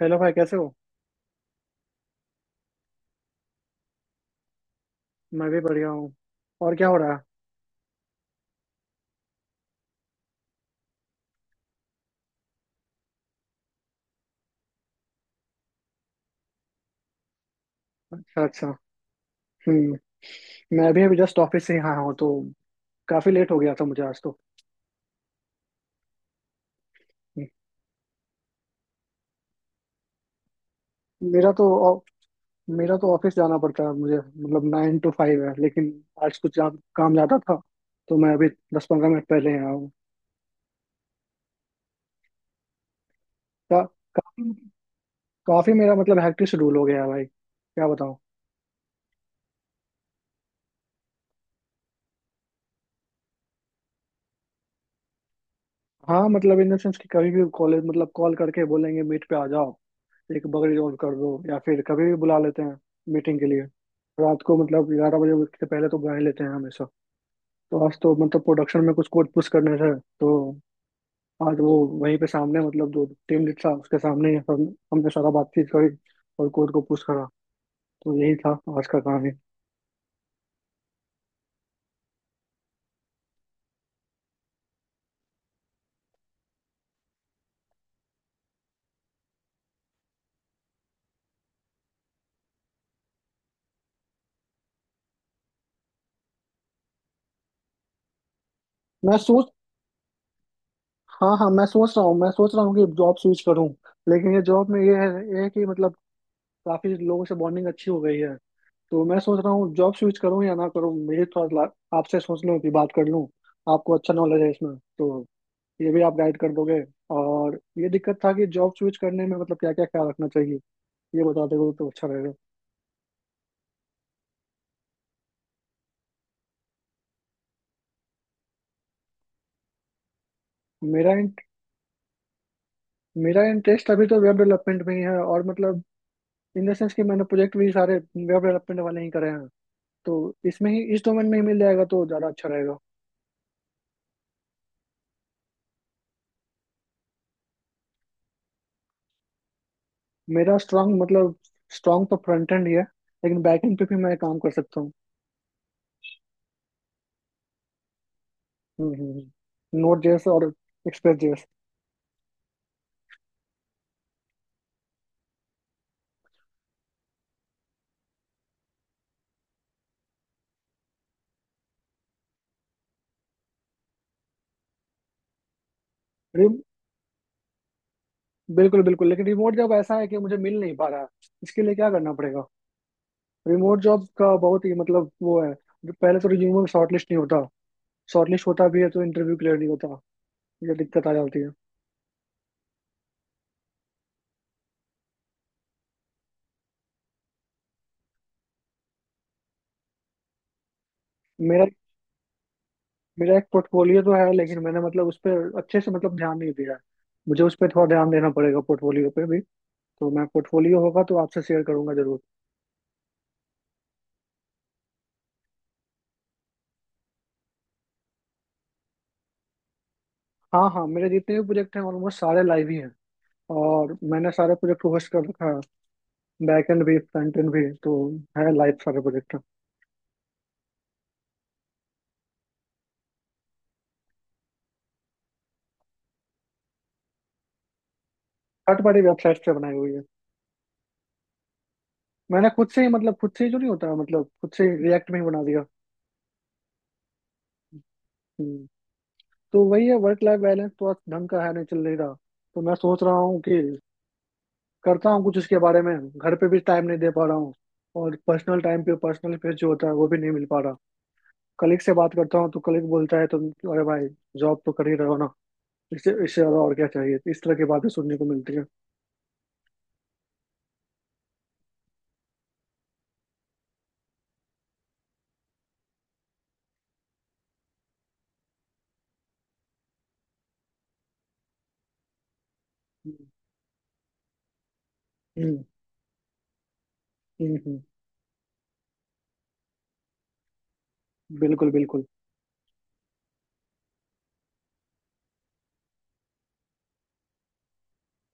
Hello भाई, कैसे हो? मैं भी बढ़िया हूँ। और क्या हो रहा है? अच्छा अच्छा। हम्म। मैं भी अभी जस्ट ऑफिस से यहाँ हूँ, तो काफी लेट हो गया था मुझे आज तो। हम्म। मेरा तो ऑ- मेरा तो ऑफिस जाना पड़ता है, मुझे मतलब नाइन टू फाइव है, लेकिन आज कुछ काम ज्यादा था, तो मैं अभी दस पंद्रह मिनट पहले यहाँ हूँ। का, काफी काफी मेरा मतलब हैक्टिक शेड्यूल हो गया है भाई, क्या बताऊँ। हाँ, मतलब इन द सेंस कि कभी भी कॉलेज मतलब कॉल करके बोलेंगे मीट पे आ जाओ, एक बकरी रोल कर दो, या फिर कभी भी बुला लेते हैं मीटिंग के लिए। रात को मतलब ग्यारह बजे से पहले तो बुला ही लेते हैं हमेशा। तो आज तो मतलब प्रोडक्शन में कुछ कोड पुश करने थे, तो आज वो वहीं पे सामने मतलब जो टीम लीड था उसके सामने ही हम हमने सारा बातचीत करी और कोड को पुश करा। तो यही था आज का काम ही। मैं सोच हाँ हाँ, मैं सोच रहा हूँ कि जॉब स्विच करूँ, लेकिन ये जॉब में ये है, ये है कि मतलब काफी लोगों से बॉन्डिंग अच्छी हो गई है। तो मैं सोच रहा हूँ जॉब स्विच करूँ या ना करूँ, ये थोड़ा आपसे सोच लूँ कि बात कर लूँ। आपको अच्छा नॉलेज है इसमें, तो ये भी आप गाइड कर दोगे। और ये दिक्कत था कि जॉब स्विच करने में मतलब क्या क्या ख्याल रखना चाहिए, ये बता दोगे तो अच्छा रहेगा। मेरा int- मेरा इंटरेस्ट अभी तो वेब डेवलपमेंट में ही है, और मतलब इन द सेंस कि मैंने प्रोजेक्ट भी सारे वेब डेवलपमेंट वाले ही करे हैं। तो इसमें ही, इस डोमेन में ही मिल जाएगा तो ज़्यादा अच्छा रहेगा। मेरा स्ट्रांग मतलब स्ट्रांग तो फ्रंट एंड ही है, लेकिन बैक एंड पे भी मैं काम कर सकता हूँ। हम्म, नोट जेएस और एक्सप्रेस जेएस। बिल्कुल बिल्कुल, लेकिन रिमोट जॉब ऐसा है कि मुझे मिल नहीं पा रहा है। इसके लिए क्या करना पड़ेगा? रिमोट जॉब का बहुत ही मतलब वो है, जो पहले तो रिज्यूमे में शॉर्टलिस्ट नहीं होता, शॉर्टलिस्ट होता भी है तो इंटरव्यू क्लियर नहीं होता। ये दिक्कत आ जाती है। मेरा मेरा एक पोर्टफोलियो तो है, लेकिन मैंने मतलब उस पर अच्छे से मतलब ध्यान नहीं दिया है। मुझे उस पर थोड़ा ध्यान देना पड़ेगा, पोर्टफोलियो पे भी। तो मैं, पोर्टफोलियो होगा तो आपसे शेयर करूंगा जरूर। हाँ हाँ, मेरे जितने भी प्रोजेक्ट हैं ऑलमोस्ट सारे लाइव ही हैं, और मैंने सारे प्रोजेक्ट को होस्ट कर रखा है, बैकएंड भी फ्रंट एंड भी। तो है life server projector. Third party website से बनाई हुई है। मैंने खुद से ही मतलब खुद से ही जो नहीं होता मतलब खुद से रिएक्ट में ही बना दिया। हम्म। तो वही है, वर्क लाइफ बैलेंस तो आज ढंग का है नहीं, चल नहीं रहा। तो मैं सोच रहा हूँ कि करता हूँ कुछ इसके बारे में। घर पे भी टाइम नहीं दे पा रहा हूँ, और पर्सनल टाइम पे पर्सनल स्पेस जो होता है वो भी नहीं मिल पा रहा। कलीग से बात करता हूँ तो कलीग बोलता है, तुम अरे भाई, जॉब तो कर ही रहे हो ना, इससे इससे ज्यादा और क्या चाहिए, इस तरह की बातें सुनने को मिलती है। हम्म, हम्म, हम्म, हम्म। बिल्कुल बिल्कुल।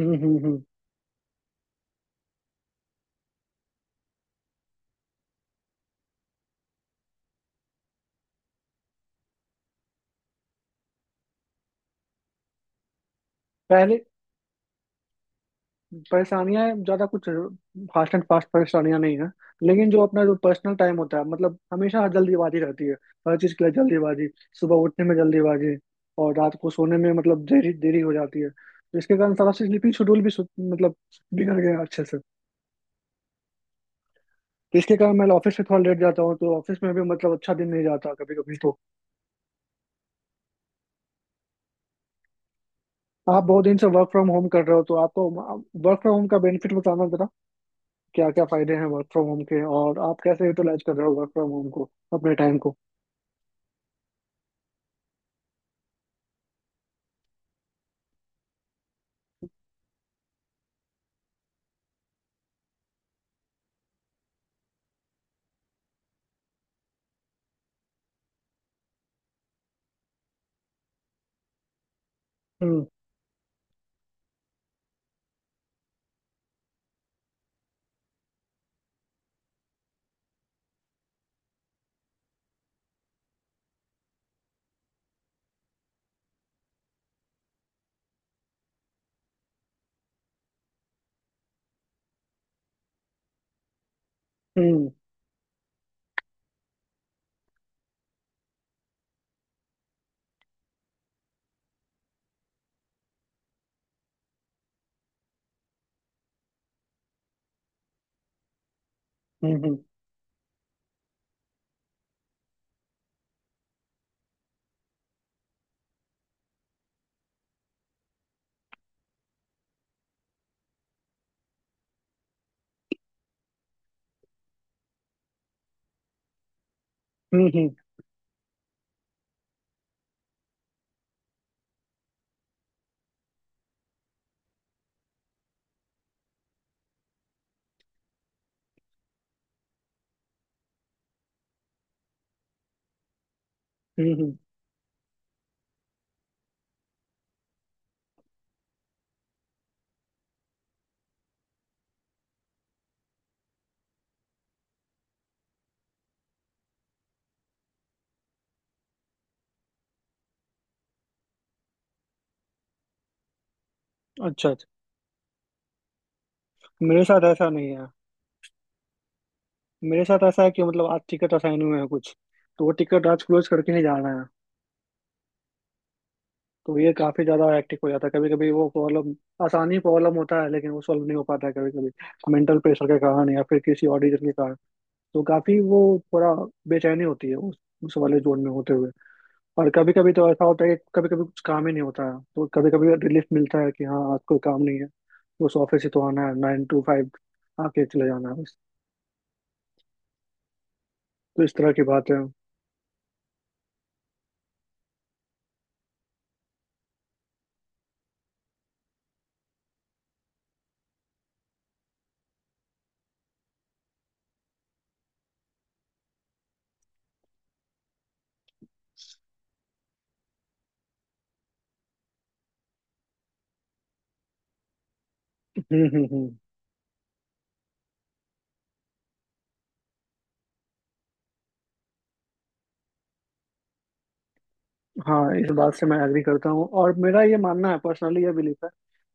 हम्म, हम्म, पहले परेशानियां ज्यादा कुछ फास्ट एंड फास्ट परेशानियां नहीं है, लेकिन जो अपना जो पर्सनल टाइम होता है मतलब हमेशा जल्दीबाजी रहती है। हर चीज के लिए जल्दीबाजी। सुबह उठने में जल्दीबाजी, और रात को सोने में मतलब देरी देरी हो जाती है। तो इसके कारण सारा स्लीपिंग शेड्यूल भी मतलब बिगड़ गया अच्छे से। तो इसके कारण मैं ऑफिस से थोड़ा लेट जाता हूँ, तो ऑफिस में भी मतलब अच्छा दिन नहीं जाता कभी कभी। तो आप बहुत दिन से वर्क फ्रॉम होम कर रहे हो, तो आपको वर्क फ्रॉम होम का बेनिफिट बताना, क्या क्या फायदे हैं वर्क फ्रॉम होम के, और आप कैसे यूटिलाइज कर रहे हो वर्क फ्रॉम होम को, अपने टाइम को। हम्म, हम्म, हम्म, हम्म, हम्म, हम्म, हम्म। अच्छा अच्छा। मेरे साथ ऐसा नहीं है। मेरे साथ ऐसा है कि मतलब आज टिकट असाइन हुए हैं कुछ, तो वो टिकट आज क्लोज करके ही जाना है। तो ये काफी ज्यादा हेक्टिक हो जाता है कभी कभी। वो प्रॉब्लम, आसानी प्रॉब्लम होता है लेकिन वो सॉल्व नहीं हो पाता है कभी कभी, मेंटल प्रेशर के कारण या फिर किसी और रीजन के कारण। तो काफी वो थोड़ा बेचैनी होती है उस वाले जोन में होते हुए। और कभी कभी तो ऐसा होता है कि कभी कभी कुछ काम ही नहीं होता है, तो कभी कभी रिलीफ मिलता है कि हाँ आज कोई काम नहीं है, बस ऑफिस ही तो आना है, नाइन टू फाइव आके चले जाना है बस। तो इस तरह की बात है। हम्म, हम्म, हम्म। हाँ, इस बात से मैं एग्री करता हूँ, और मेरा ये मानना है, पर्सनली ये बिलीफ है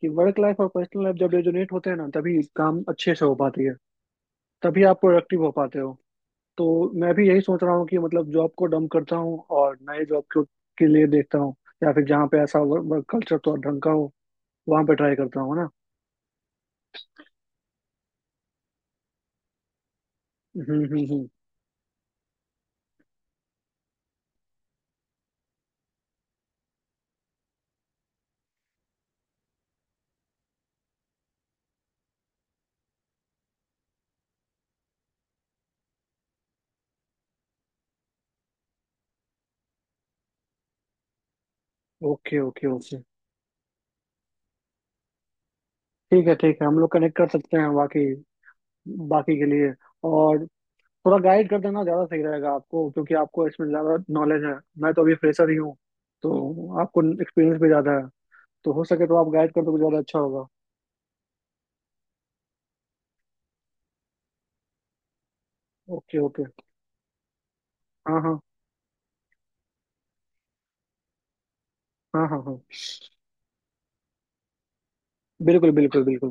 कि वर्क लाइफ और पर्सनल लाइफ जब रेजोनेट होते हैं ना, तभी काम अच्छे से हो पाती है, तभी आप प्रोडक्टिव हो पाते हो। तो मैं भी यही सोच रहा हूँ कि मतलब जॉब को डंप करता हूँ और नए जॉब के लिए देखता हूँ, या फिर जहाँ पे ऐसा वर्क कल्चर तो ढंग का हो, वहां पे ट्राई करता हूँ ना। हम्म, हम्म, हम्म। Okay okay okay. ठीक है ठीक है, हम लोग कनेक्ट कर सकते हैं, बाकी बाकी के लिए। और थोड़ा गाइड कर देना ज़्यादा सही रहेगा आपको, क्योंकि आपको इसमें ज़्यादा नॉलेज है। मैं तो अभी फ्रेशर ही हूँ, तो आपको एक्सपीरियंस भी ज़्यादा है। तो हो सके तो आप गाइड कर दोगे, ज़्यादा अच्छा होगा। Okay okay. हाँ हाँ हाँ, हाँ हाँ। बिल्कुल बिल्कुल बिल्कुल।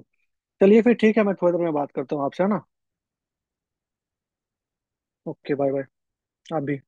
चलिए फिर ठीक है, मैं थोड़ी देर में बात करता हूँ आपसे, है ना। Okay, bye bye. आप भी।